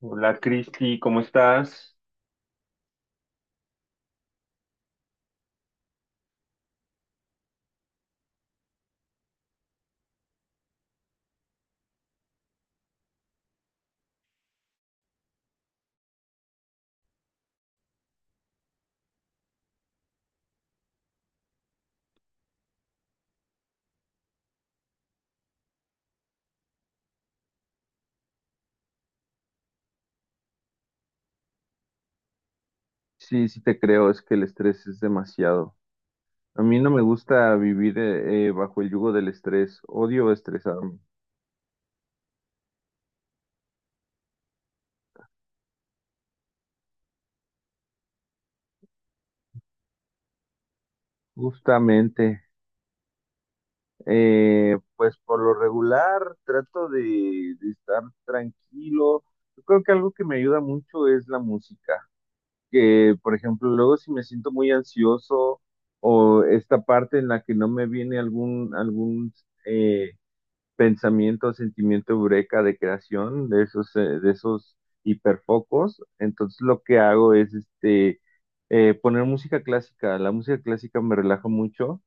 Hola Cristi, ¿cómo estás? Sí, sí te creo, es que el estrés es demasiado. A mí no me gusta vivir bajo el yugo del estrés, odio estresarme. Justamente, pues por lo regular trato de estar tranquilo. Yo creo que algo que me ayuda mucho es la música, que por ejemplo luego si me siento muy ansioso o esta parte en la que no me viene algún, algún eh, pensamiento, sentimiento eureka de creación, de esos hiperfocos. Entonces lo que hago es poner música clásica. La música clásica me relaja mucho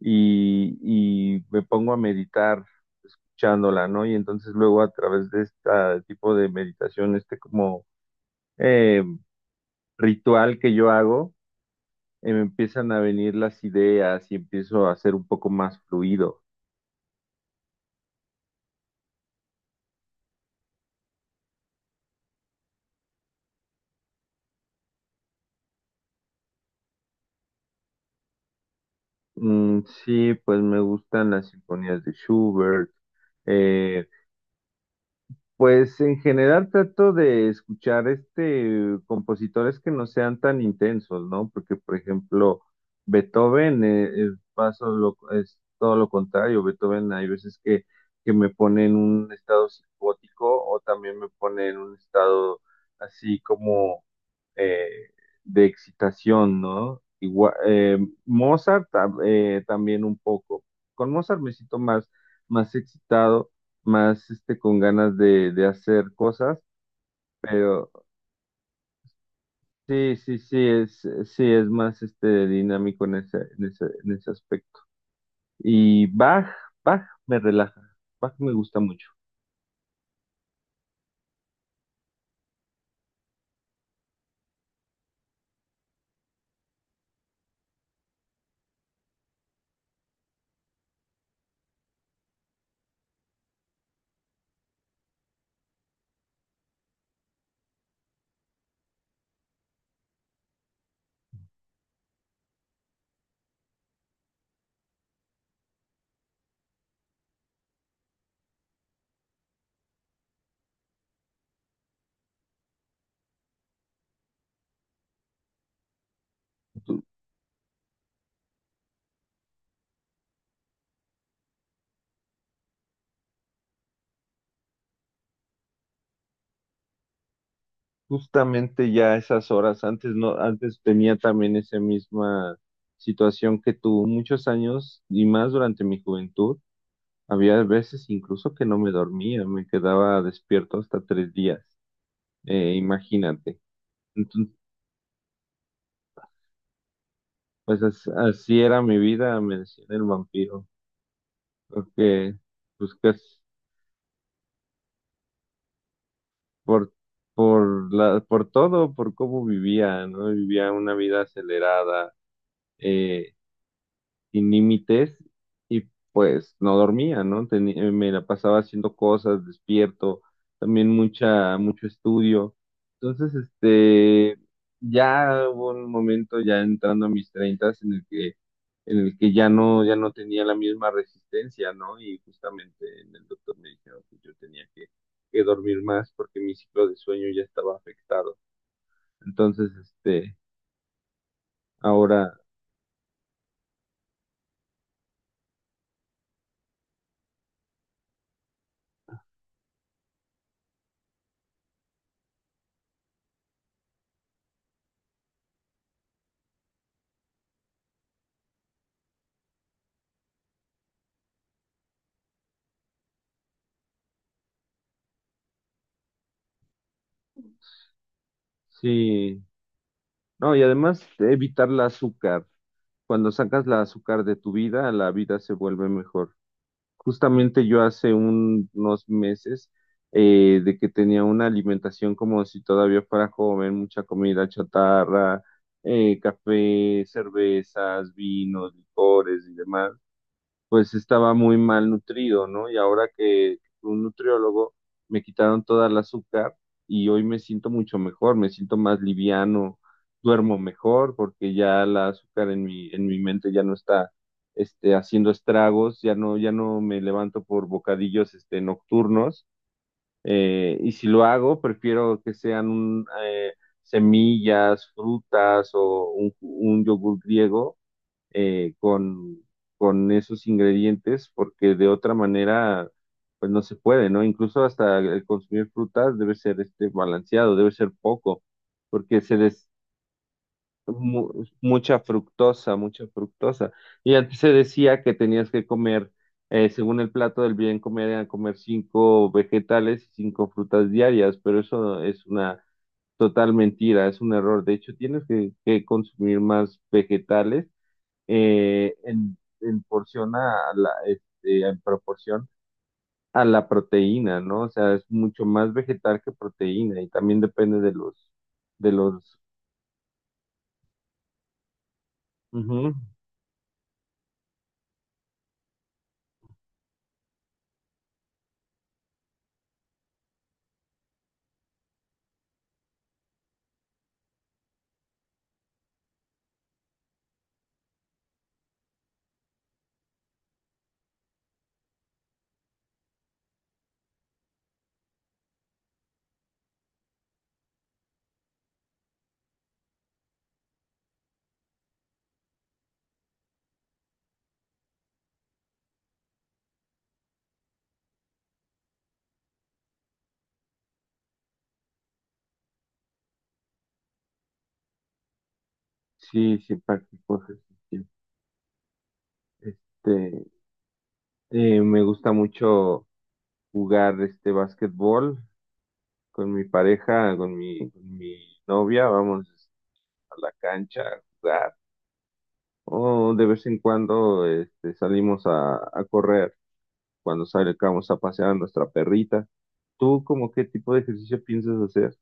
y me pongo a meditar escuchándola, ¿no? Y entonces luego a través de este tipo de meditación, este como eh, ritual que yo hago, me empiezan a venir las ideas y empiezo a ser un poco más fluido. Mm, sí, pues me gustan las sinfonías de Schubert. Eh, pues en general trato de escuchar este compositores que no sean tan intensos, ¿no? Porque, por ejemplo, Beethoven es todo lo contrario. Beethoven hay veces que me pone en un estado psicótico o también me pone en un estado así como eh, de excitación, ¿no? Mozart también un poco. Con Mozart me siento más excitado, más este, con ganas de hacer cosas, pero sí, sí, sí, es más este, dinámico en ese aspecto. Y Bach, Bach me relaja, Bach me gusta mucho. Justamente ya esas horas, antes no, antes tenía también esa misma situación que tú, muchos años y más durante mi juventud, había veces incluso que no me dormía, me quedaba despierto hasta tres días, imagínate. Entonces, pues así era mi vida, me decían el vampiro, porque pues que es por, por todo, por cómo vivía, ¿no? Vivía una vida acelerada, eh, sin límites y pues no dormía, ¿no? Me la pasaba haciendo cosas, despierto, también mucho estudio. Entonces, ya hubo un momento ya entrando a mis treintas en el que, ya no tenía la misma resistencia, ¿no? Y justamente en el doctor me dijeron que yo tenía que dormir más porque mi ciclo de sueño ya estaba afectado. Entonces, ahora sí. No, y además evitar el azúcar. Cuando sacas la azúcar de tu vida, la vida se vuelve mejor. Justamente yo hace unos meses de que tenía una alimentación como si todavía fuera joven, mucha comida chatarra, café, cervezas, vinos, licores y demás, pues estaba muy mal nutrido, ¿no? Y ahora que fui un nutriólogo me quitaron toda el azúcar y hoy me siento mucho mejor, me siento más liviano, duermo mejor porque ya el azúcar en mi mente ya no está haciendo estragos, ya no me levanto por bocadillos nocturnos. Y si lo hago, prefiero que sean semillas, frutas o un yogur griego eh, con, con esos ingredientes, porque de otra manera, pues no se puede, ¿no? Incluso hasta el consumir frutas debe ser este balanceado, debe ser poco, porque mucha fructosa, mucha fructosa. Y antes se decía que tenías que comer, según el plato del bien comer, era comer cinco vegetales y cinco frutas diarias, pero eso es una total mentira, es un error. De hecho, tienes que consumir más vegetales en porción en proporción a la proteína, ¿no? O sea, es mucho más vegetal que proteína y también depende de los. Ujú. Sí, sí, practico ejercicio. Este, Me gusta mucho jugar básquetbol con mi pareja, con mi novia, vamos a la cancha a jugar. O de vez en cuando salimos a correr. Cuando salgamos a pasear a nuestra perrita. ¿Tú como qué tipo de ejercicio piensas hacer?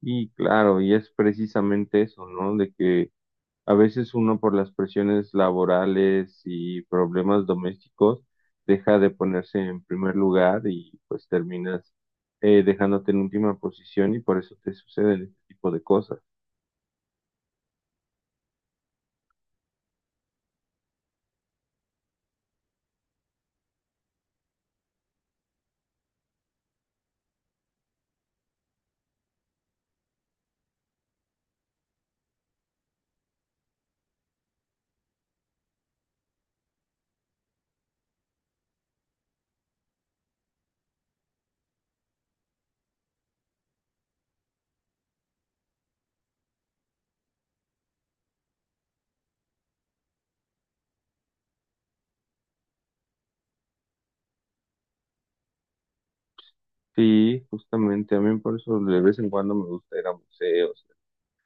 Y claro, y es precisamente eso, ¿no? De que a veces uno por las presiones laborales y problemas domésticos deja de ponerse en primer lugar y pues terminas dejándote en última posición y por eso te suceden este tipo de cosas. Sí, justamente a mí por eso de vez en cuando me gusta ir a museos.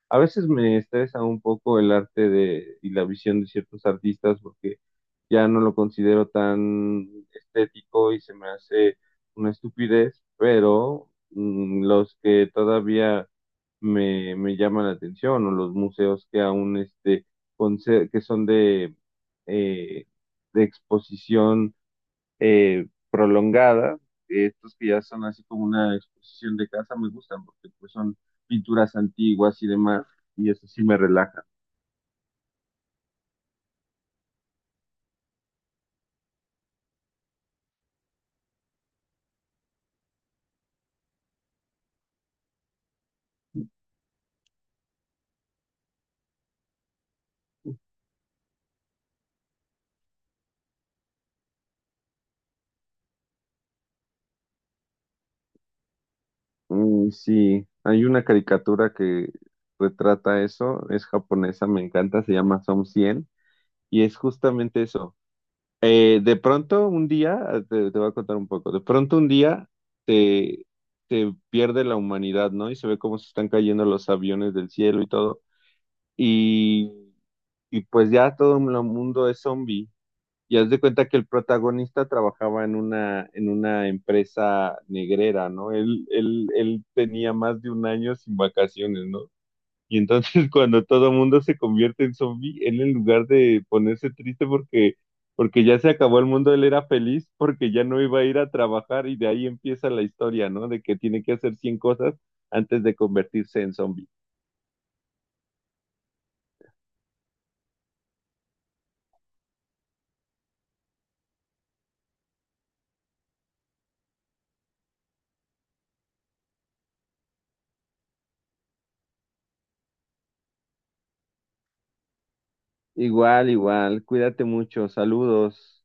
A veces me estresa un poco el arte y la visión de ciertos artistas porque ya no lo considero tan estético y se me hace una estupidez, pero los que todavía me llaman la atención o los museos que aún que son eh, de exposición prolongada. Estos que ya son así como una exposición de casa me gustan porque pues son pinturas antiguas y demás, y eso sí me relaja. Mm, sí, hay una caricatura que retrata eso, es japonesa, me encanta, se llama Som 100 y es justamente eso. De pronto un día, te voy a contar un poco, de pronto un día te, te pierde la humanidad, ¿no? Y se ve cómo se están cayendo los aviones del cielo y todo, y, y pues ya todo el mundo es zombie. Y haz de cuenta que el protagonista trabajaba en una empresa negrera, ¿no? Él tenía más de un año sin vacaciones, ¿no? Y entonces cuando todo el mundo se convierte en zombie, él en lugar de ponerse triste porque ya se acabó el mundo, él era feliz porque ya no iba a ir a trabajar y de ahí empieza la historia, ¿no? De que tiene que hacer 100 cosas antes de convertirse en zombie. Igual, igual, cuídate mucho, saludos.